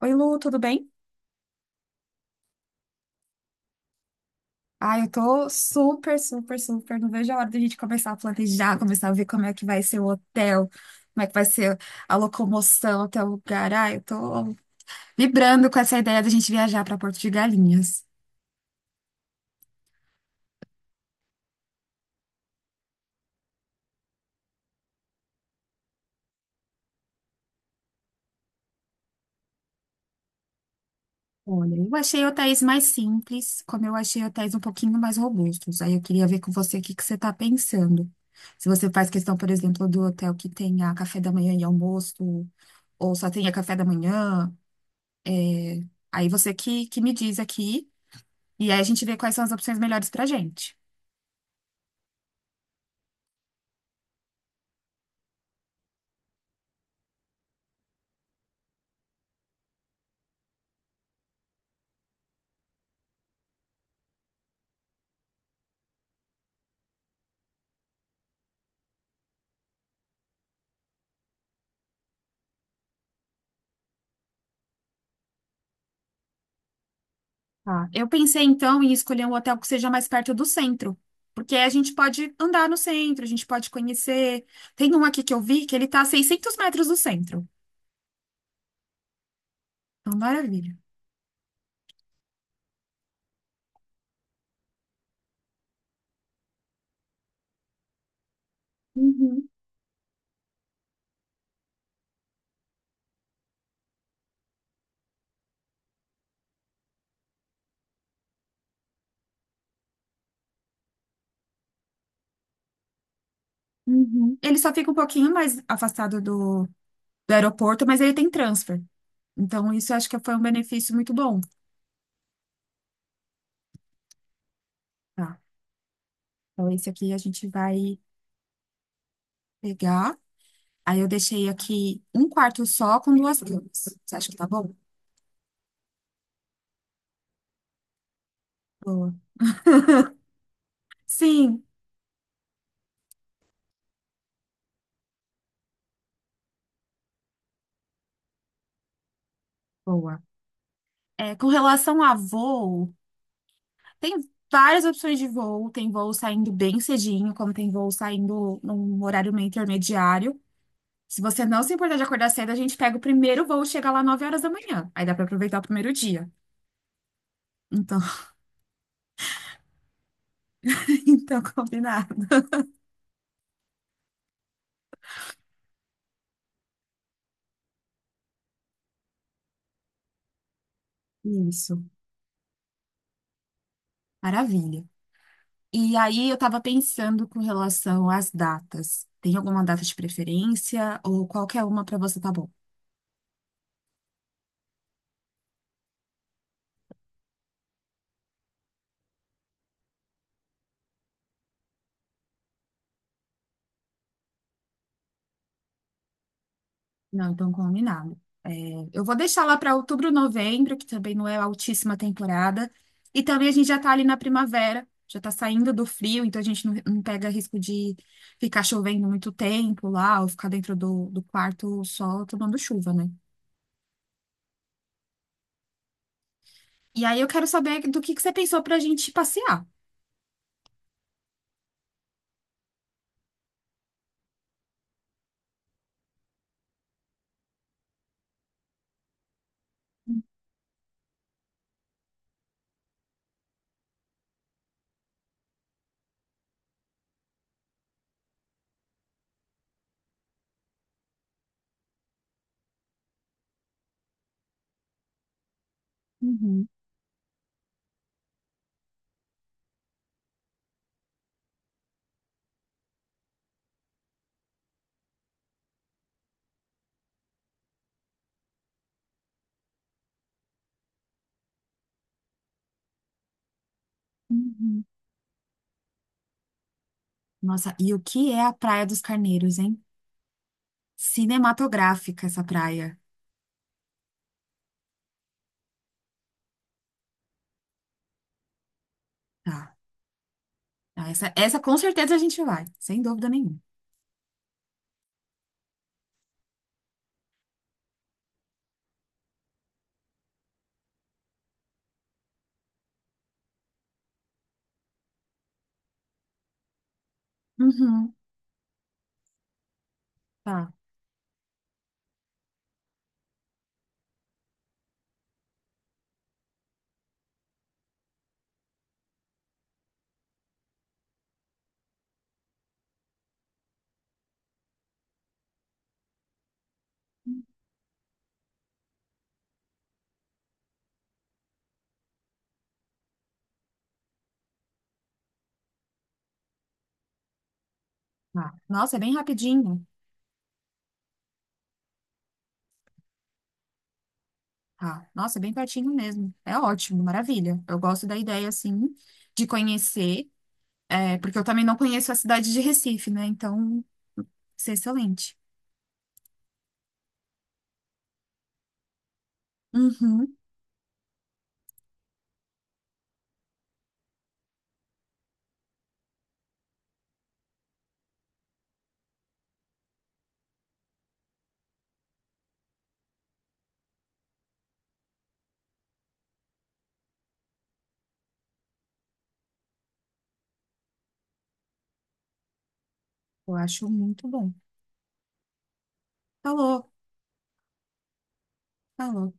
Oi, Lu, tudo bem? Ah, eu tô super, super, super. Não vejo a hora da gente começar a planejar, começar a ver como é que vai ser o hotel, como é que vai ser a locomoção até o lugar. Ah, eu tô vibrando com essa ideia da gente viajar para Porto de Galinhas. Olha, eu achei hotéis mais simples, como eu achei hotéis um pouquinho mais robustos. Aí eu queria ver com você o que que você tá pensando. Se você faz questão, por exemplo, do hotel que tenha café da manhã e almoço, ou só tenha café da manhã. Aí você que me diz aqui. E aí a gente vê quais são as opções melhores pra gente. Tá. Eu pensei então em escolher um hotel que seja mais perto do centro, porque a gente pode andar no centro, a gente pode conhecer. Tem um aqui que eu vi que ele tá a 600 metros do centro. Então, maravilha. Uhum, uhum. Ele só fica um pouquinho mais afastado do aeroporto, mas ele tem transfer. Então, isso eu acho que foi um benefício muito bom. Tá. Então, esse aqui a gente vai pegar. Aí eu deixei aqui um quarto só com duas camas. Você acha que tá bom? Boa. Sim. Boa. É, com relação a voo, tem várias opções de voo. Tem voo saindo bem cedinho, como tem voo saindo num horário meio intermediário. Se você não se importar de acordar cedo, a gente pega o primeiro voo e chega lá 9 horas da manhã. Aí dá para aproveitar o primeiro dia. Então, então combinado. Isso. Maravilha. E aí eu estava pensando com relação às datas. Tem alguma data de preferência ou qualquer uma para você tá bom? Não, então combinado. É, eu vou deixar lá para outubro, novembro, que também não é altíssima temporada. E também a gente já está ali na primavera, já está saindo do frio, então a gente não pega risco de ficar chovendo muito tempo lá, ou ficar dentro do quarto só tomando chuva, né? E aí eu quero saber do que você pensou para a gente passear. Uhum, uhum. Nossa, e o que é a Praia dos Carneiros, hein? Cinematográfica essa praia. Tá. Ah, essa com certeza a gente vai, sem dúvida nenhuma. Uhum. Tá, tá. Nossa, é bem rapidinho. Tá. Nossa, é bem pertinho mesmo. É ótimo, maravilha. Eu gosto da ideia, assim, de conhecer, porque eu também não conheço a cidade de Recife, né? Então, isso é excelente. Uhum, eu acho muito bom. Falou, falou.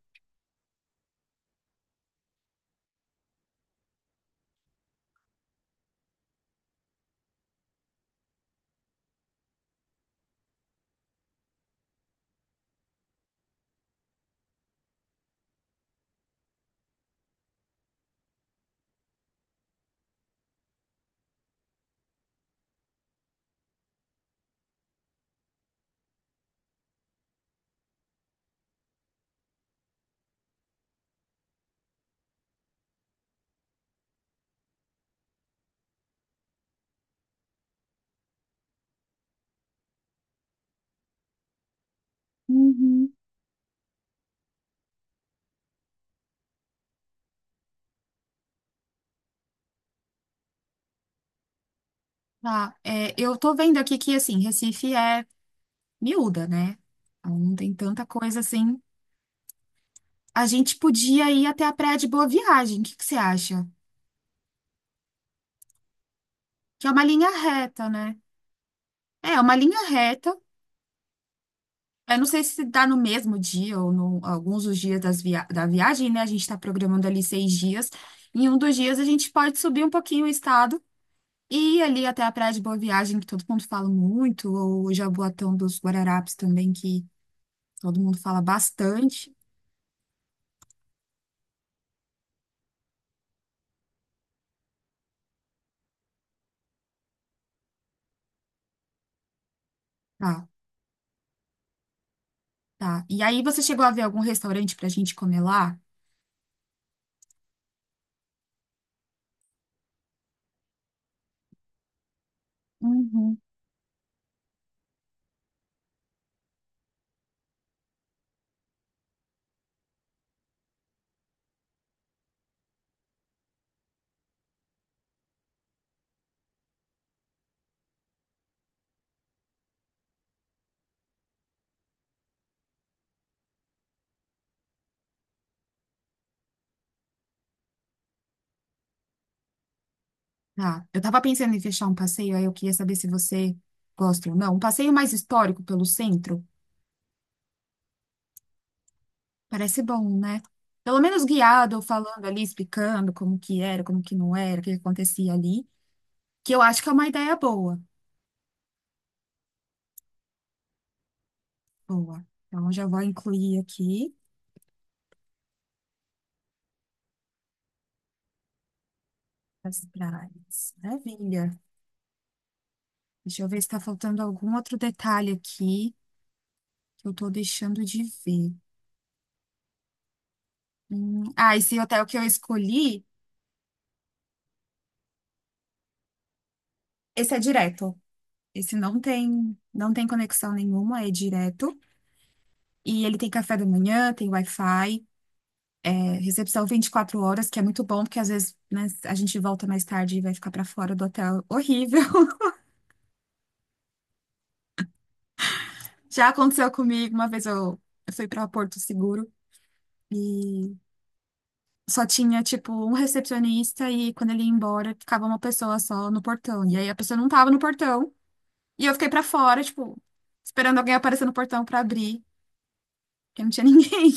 Uhum. Tá, eu tô vendo aqui que, assim, Recife é miúda, né? Então, não tem tanta coisa assim. A gente podia ir até a Praia de Boa Viagem, o que que você acha? Que é uma linha reta, né? É uma linha reta. Eu não sei se dá no mesmo dia ou no, alguns dos dias das da viagem, né? A gente está programando ali 6 dias. Em um dos dias a gente pode subir um pouquinho o estado e ir ali até a Praia de Boa Viagem, que todo mundo fala muito, ou o Jaboatão dos Guararapes também, que todo mundo fala bastante. Tá, tá. E aí você chegou a ver algum restaurante para a gente comer lá? Uhum. Tá. Eu tava pensando em fechar um passeio, aí eu queria saber se você gosta ou não. Um passeio mais histórico pelo centro. Parece bom, né? Pelo menos guiado, ou falando ali, explicando como que era, como que não era, o que acontecia ali, que eu acho que é uma ideia boa. Boa. Então, já vou incluir aqui as praias. Maravilha. Deixa eu ver se está faltando algum outro detalhe aqui que eu estou deixando de ver. Ah, esse hotel que eu escolhi, esse é direto. Esse não tem conexão nenhuma, é direto. E ele tem café da manhã, tem Wi-Fi. É, recepção 24 horas, que é muito bom, porque às vezes, né, a gente volta mais tarde e vai ficar para fora do hotel. Horrível. Já aconteceu comigo, uma vez eu fui pra Porto Seguro e só tinha, tipo, um recepcionista e quando ele ia embora, ficava uma pessoa só no portão. E aí a pessoa não tava no portão e eu fiquei para fora, tipo, esperando alguém aparecer no portão para abrir, porque não tinha ninguém.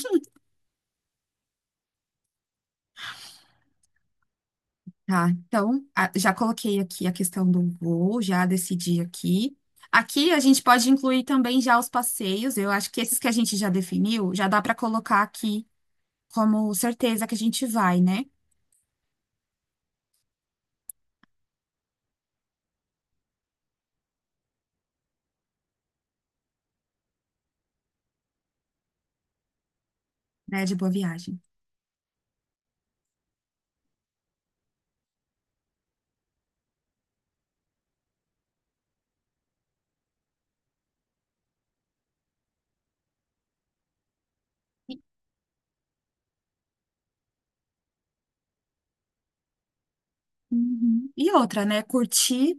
Tá, então, já coloquei aqui a questão do voo, já decidi aqui. Aqui a gente pode incluir também já os passeios. Eu acho que esses que a gente já definiu, já dá para colocar aqui como certeza que a gente vai, né? Né, de boa viagem. Uhum. E outra, né? Curtir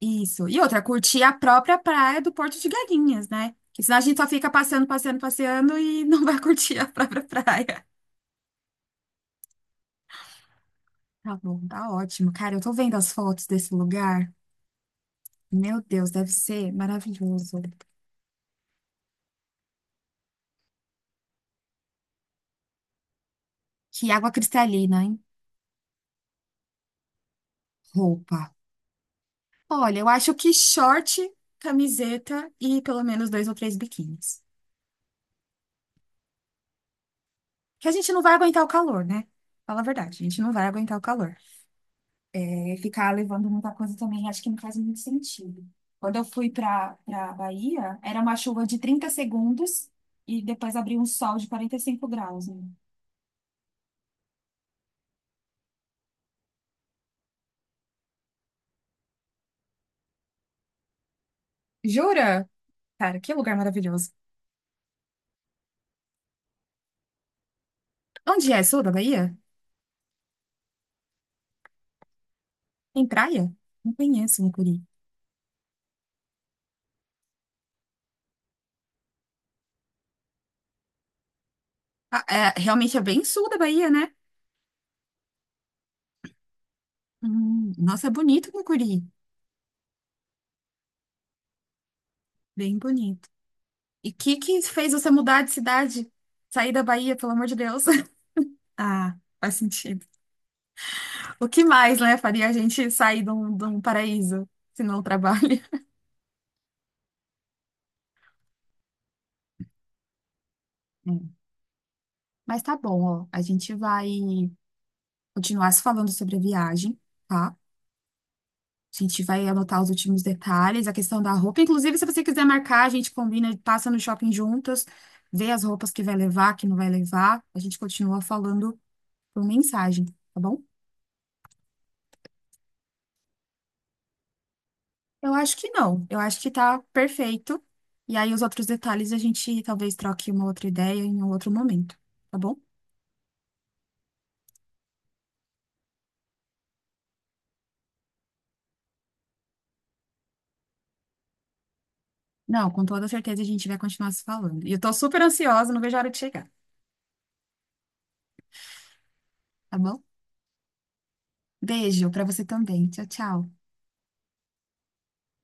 isso. E outra, curtir a própria praia do Porto de Galinhas, né? Porque senão a gente só fica passeando, passeando, passeando e não vai curtir a própria praia. Tá bom, tá ótimo. Cara, eu tô vendo as fotos desse lugar. Meu Deus, deve ser maravilhoso. Que água cristalina, hein? Roupa. Olha, eu acho que short, camiseta e pelo menos dois ou três biquínis. Que a gente não vai aguentar o calor, né? Fala a verdade, a gente não vai aguentar o calor. É, ficar levando muita coisa também, acho que não faz muito sentido. Quando eu fui para Bahia, era uma chuva de 30 segundos e depois abriu um sol de 45 graus, né? Jura? Cara, que lugar maravilhoso. Onde é? Sul da Bahia? Tem praia? Não conheço, não. Ah, é, realmente é bem sul da Bahia, né? Nossa, é bonito Mucuri. Bem bonito. E o que que fez você mudar de cidade? Sair da Bahia, pelo amor de Deus. Ah, faz sentido. O que mais, né, faria a gente sair de um paraíso, se não o trabalho? É. Mas tá bom, ó. A gente vai continuar se falando sobre a viagem, tá? A gente vai anotar os últimos detalhes, a questão da roupa. Inclusive, se você quiser marcar, a gente combina, passa no shopping juntas, vê as roupas que vai levar, que não vai levar. A gente continua falando por mensagem, tá bom? Eu acho que não. Eu acho que tá perfeito. E aí, os outros detalhes a gente talvez troque uma outra ideia em um outro momento, tá bom? Não, com toda certeza a gente vai continuar se falando. E eu tô super ansiosa, não vejo a hora de chegar, tá bom? Beijo pra você também. Tchau, tchau.